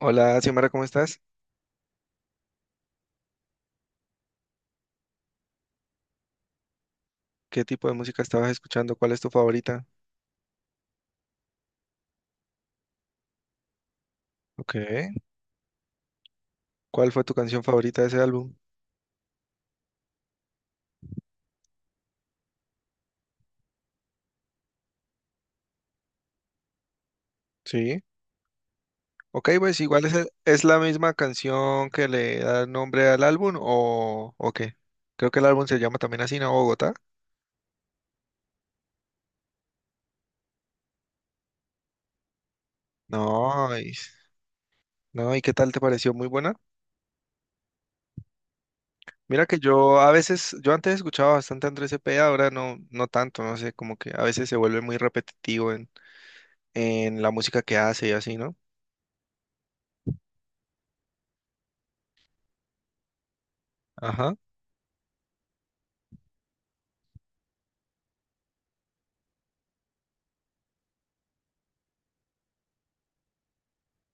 Hola, Xiomara, ¿cómo estás? ¿Qué tipo de música estabas escuchando? ¿Cuál es tu favorita? Ok. ¿Cuál fue tu canción favorita de ese álbum? Sí. Ok, pues igual es la misma canción que le da nombre al álbum o qué. Creo que el álbum se llama también así, ¿no? Bogotá. No, y, no, ¿y qué tal te pareció? Muy buena. Mira que yo a veces, yo antes escuchaba bastante a Andrés Cepeda, ahora no, no tanto, no sé, como que a veces se vuelve muy repetitivo en la música que hace y así, ¿no? Ajá,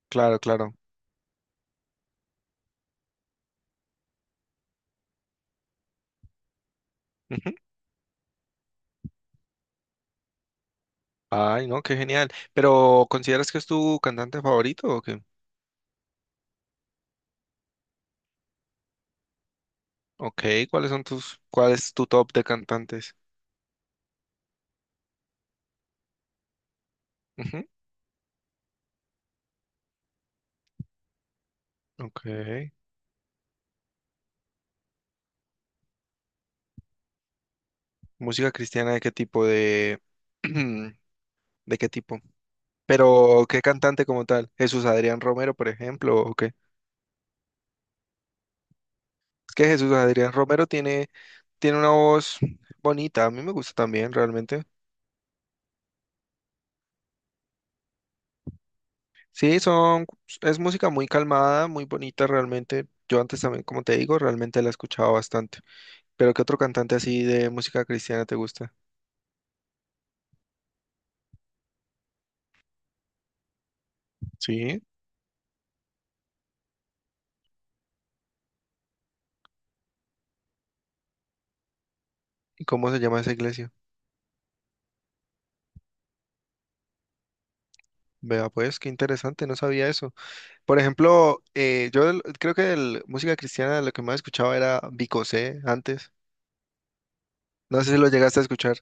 claro, claro. Ujú. Ay, no, qué genial. Pero ¿consideras que es tu cantante favorito o qué? Ok, ¿cuáles son cuál es tu top de cantantes? Ujú. Ok. ¿Música cristiana de qué tipo de, de qué tipo? Pero ¿qué cantante como tal? Jesús Adrián Romero, por ejemplo, ¿o qué? Es que Jesús Adrián Romero tiene una voz bonita, a mí me gusta también realmente. Sí, son, es música muy calmada, muy bonita realmente. Yo antes también, como te digo, realmente la he escuchado bastante. ¿Pero qué otro cantante así de música cristiana te gusta? Sí. ¿Y cómo se llama esa iglesia? Vea, pues qué interesante, no sabía eso. Por ejemplo, creo que de música cristiana lo que más escuchaba era Vicosé antes. No sé si lo llegaste a escuchar.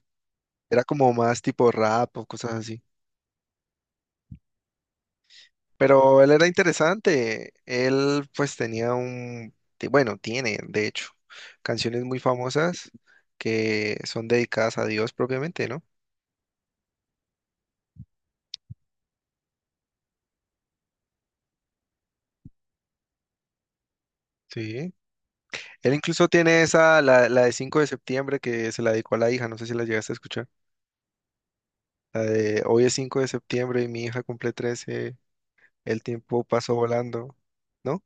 Era como más tipo rap o cosas así. Pero él era interesante. Él pues tenía un, ti- bueno, tiene, de hecho, canciones muy famosas que son dedicadas a Dios propiamente, ¿no? Sí. Él incluso tiene esa, la de 5 de septiembre que se la dedicó a la hija, no sé si la llegaste a escuchar. La de hoy es 5 de septiembre y mi hija cumple 13. El tiempo pasó volando, ¿no?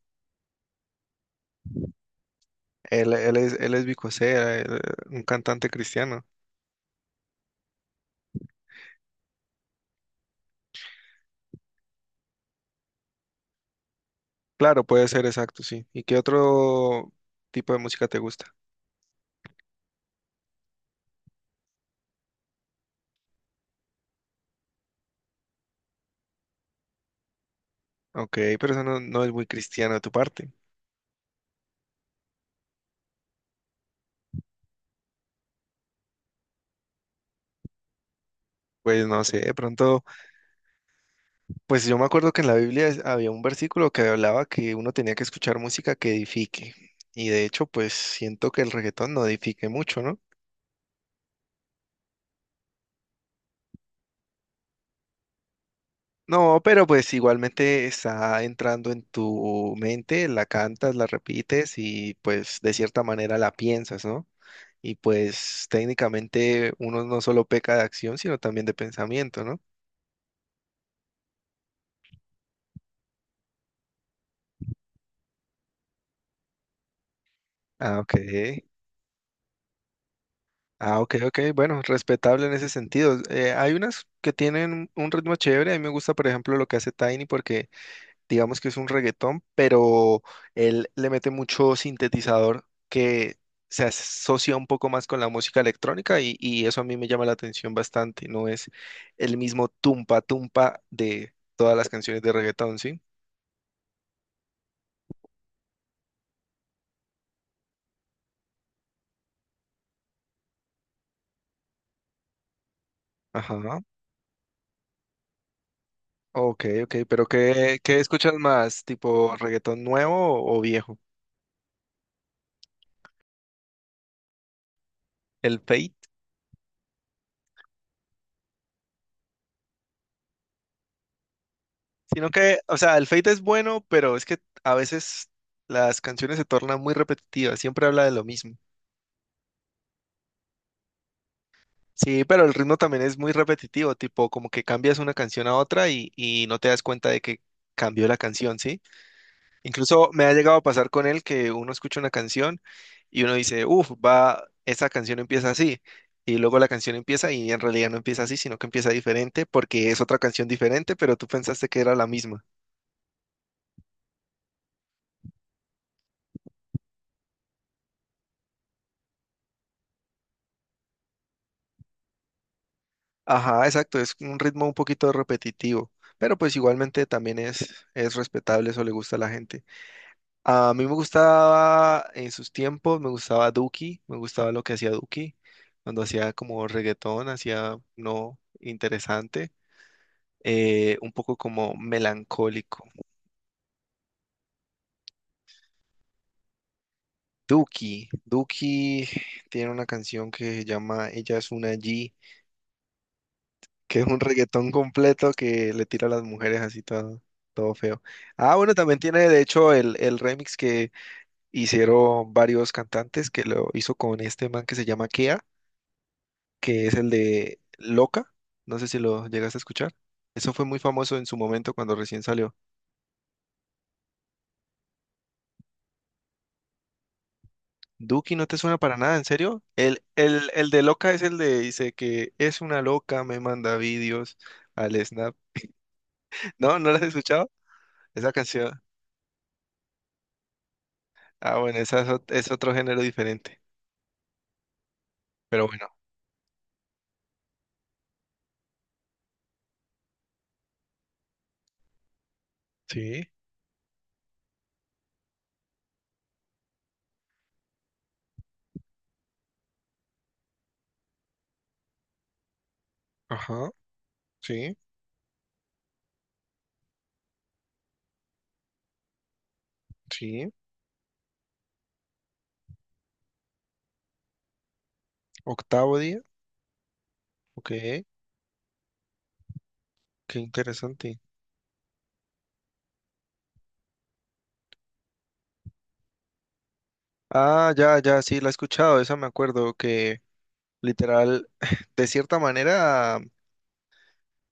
Él es Vico Sea, un cantante cristiano. Claro, puede ser, exacto, sí. ¿Y qué otro tipo de música te gusta? Ok, pero eso no, no es muy cristiano de tu parte. Pues no sé, de pronto. Pues yo me acuerdo que en la Biblia había un versículo que hablaba que uno tenía que escuchar música que edifique. Y de hecho, pues siento que el reggaetón no edifique mucho, ¿no? No, pero pues igualmente está entrando en tu mente, la cantas, la repites y pues de cierta manera la piensas, ¿no? Y pues técnicamente uno no solo peca de acción, sino también de pensamiento, ¿no? Ah, ok. Ah, ok, ok, bueno, respetable en ese sentido. Hay unas que tienen un ritmo chévere, a mí me gusta, por ejemplo, lo que hace Tiny porque digamos que es un reggaetón, pero él le mete mucho sintetizador que se asocia un poco más con la música electrónica y eso a mí me llama la atención bastante, no es el mismo tumpa tumpa de todas las canciones de reggaetón, ¿sí? Ajá, ok, ok, pero ¿qué escuchas más? ¿Tipo reggaetón nuevo o viejo? ¿El fade? Sino que, o sea, el Fate es bueno, pero es que a veces las canciones se tornan muy repetitivas, siempre habla de lo mismo. Sí, pero el ritmo también es muy repetitivo, tipo como que cambias una canción a otra y no te das cuenta de que cambió la canción, ¿sí? Incluso me ha llegado a pasar con él que uno escucha una canción y uno dice, uff, va, esa canción empieza así. Y luego la canción empieza y en realidad no empieza así, sino que empieza diferente porque es otra canción diferente, pero tú pensaste que era la misma. Ajá, exacto, es un ritmo un poquito repetitivo, pero pues igualmente también es respetable, eso le gusta a la gente. A mí me gustaba en sus tiempos, me gustaba Duki, me gustaba lo que hacía Duki, cuando hacía como reggaetón, hacía no interesante, un poco como melancólico. Duki tiene una canción que se llama Ella es una G, que es un reggaetón completo que le tira a las mujeres así todo, todo feo. Ah, bueno, también tiene de hecho el remix que hicieron varios cantantes, que lo hizo con este man que se llama Kea, que es el de Loca. No sé si lo llegaste a escuchar. Eso fue muy famoso en su momento cuando recién salió. Duki, ¿no te suena para nada? ¿En serio? El de Loca es el de, dice que es una loca, me manda vídeos al Snap. ¿No? ¿No lo has escuchado? Esa canción. Ah, bueno, esa es es otro género diferente. Pero bueno, sí, ajá, sí, sí. Octavo día, ok, qué interesante. Ah, ya, ya, sí, la he escuchado, esa me acuerdo que literal, de cierta manera,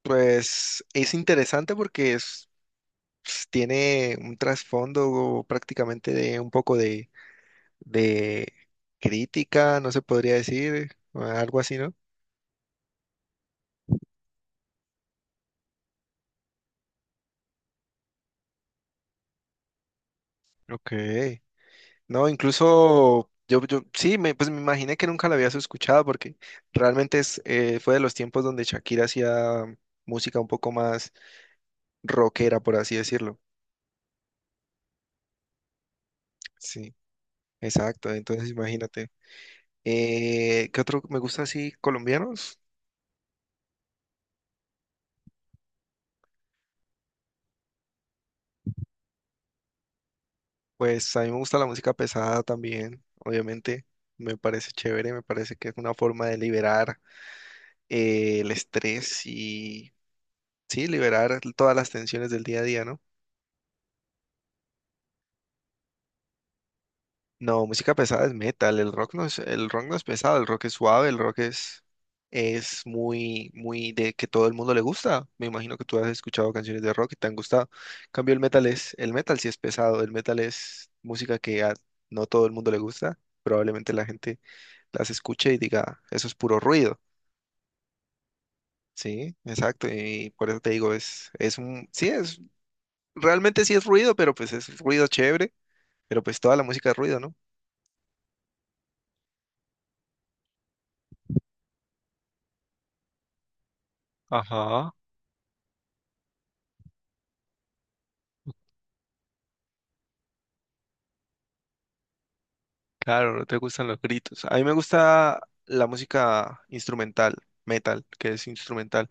pues es interesante porque tiene un trasfondo prácticamente de un poco de crítica, no se podría decir, algo así, ¿no? Ok. No, incluso yo sí, pues me imaginé que nunca la habías escuchado porque realmente es, fue de los tiempos donde Shakira hacía música un poco más rockera, por así decirlo. Sí, exacto. Entonces imagínate. ¿Qué otro me gusta así colombianos? Pues a mí me gusta la música pesada también, obviamente. Me parece chévere, me parece que es una forma de liberar el estrés y sí, liberar todas las tensiones del día a día, ¿no? No, música pesada es metal, el rock no es, el rock no es pesado, el rock es suave, es muy, muy de que todo el mundo le gusta. Me imagino que tú has escuchado canciones de rock y te han gustado. En cambio, el metal sí es pesado, el metal es música que a no todo el mundo le gusta. Probablemente la gente las escuche y diga, eso es puro ruido. Sí, exacto, y por eso te digo, es realmente sí es ruido, pero pues es ruido chévere, pero pues toda la música es ruido, ¿no? Ajá. Claro, no te gustan los gritos. A mí me gusta la música instrumental, metal, que es instrumental,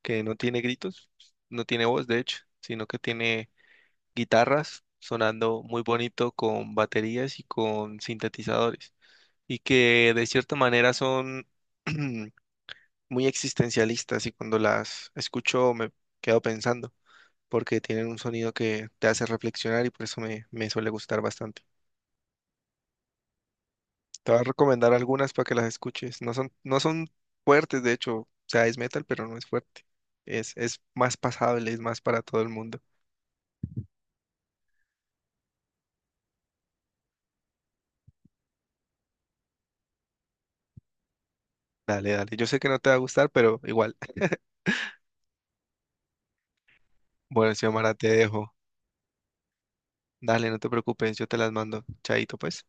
que no tiene gritos, no tiene voz, de hecho, sino que tiene guitarras sonando muy bonito con baterías y con sintetizadores, y que de cierta manera son muy existencialistas y cuando las escucho me quedo pensando, porque tienen un sonido que te hace reflexionar y por eso me suele gustar bastante. Te voy a recomendar algunas para que las escuches. No son fuertes, de hecho. O sea, es metal, pero no es fuerte. Es más pasable, es más para todo el mundo. Dale, dale. Yo sé que no te va a gustar, pero igual. Bueno, Xiomara, te dejo. Dale, no te preocupes, yo te las mando. Chaito, pues.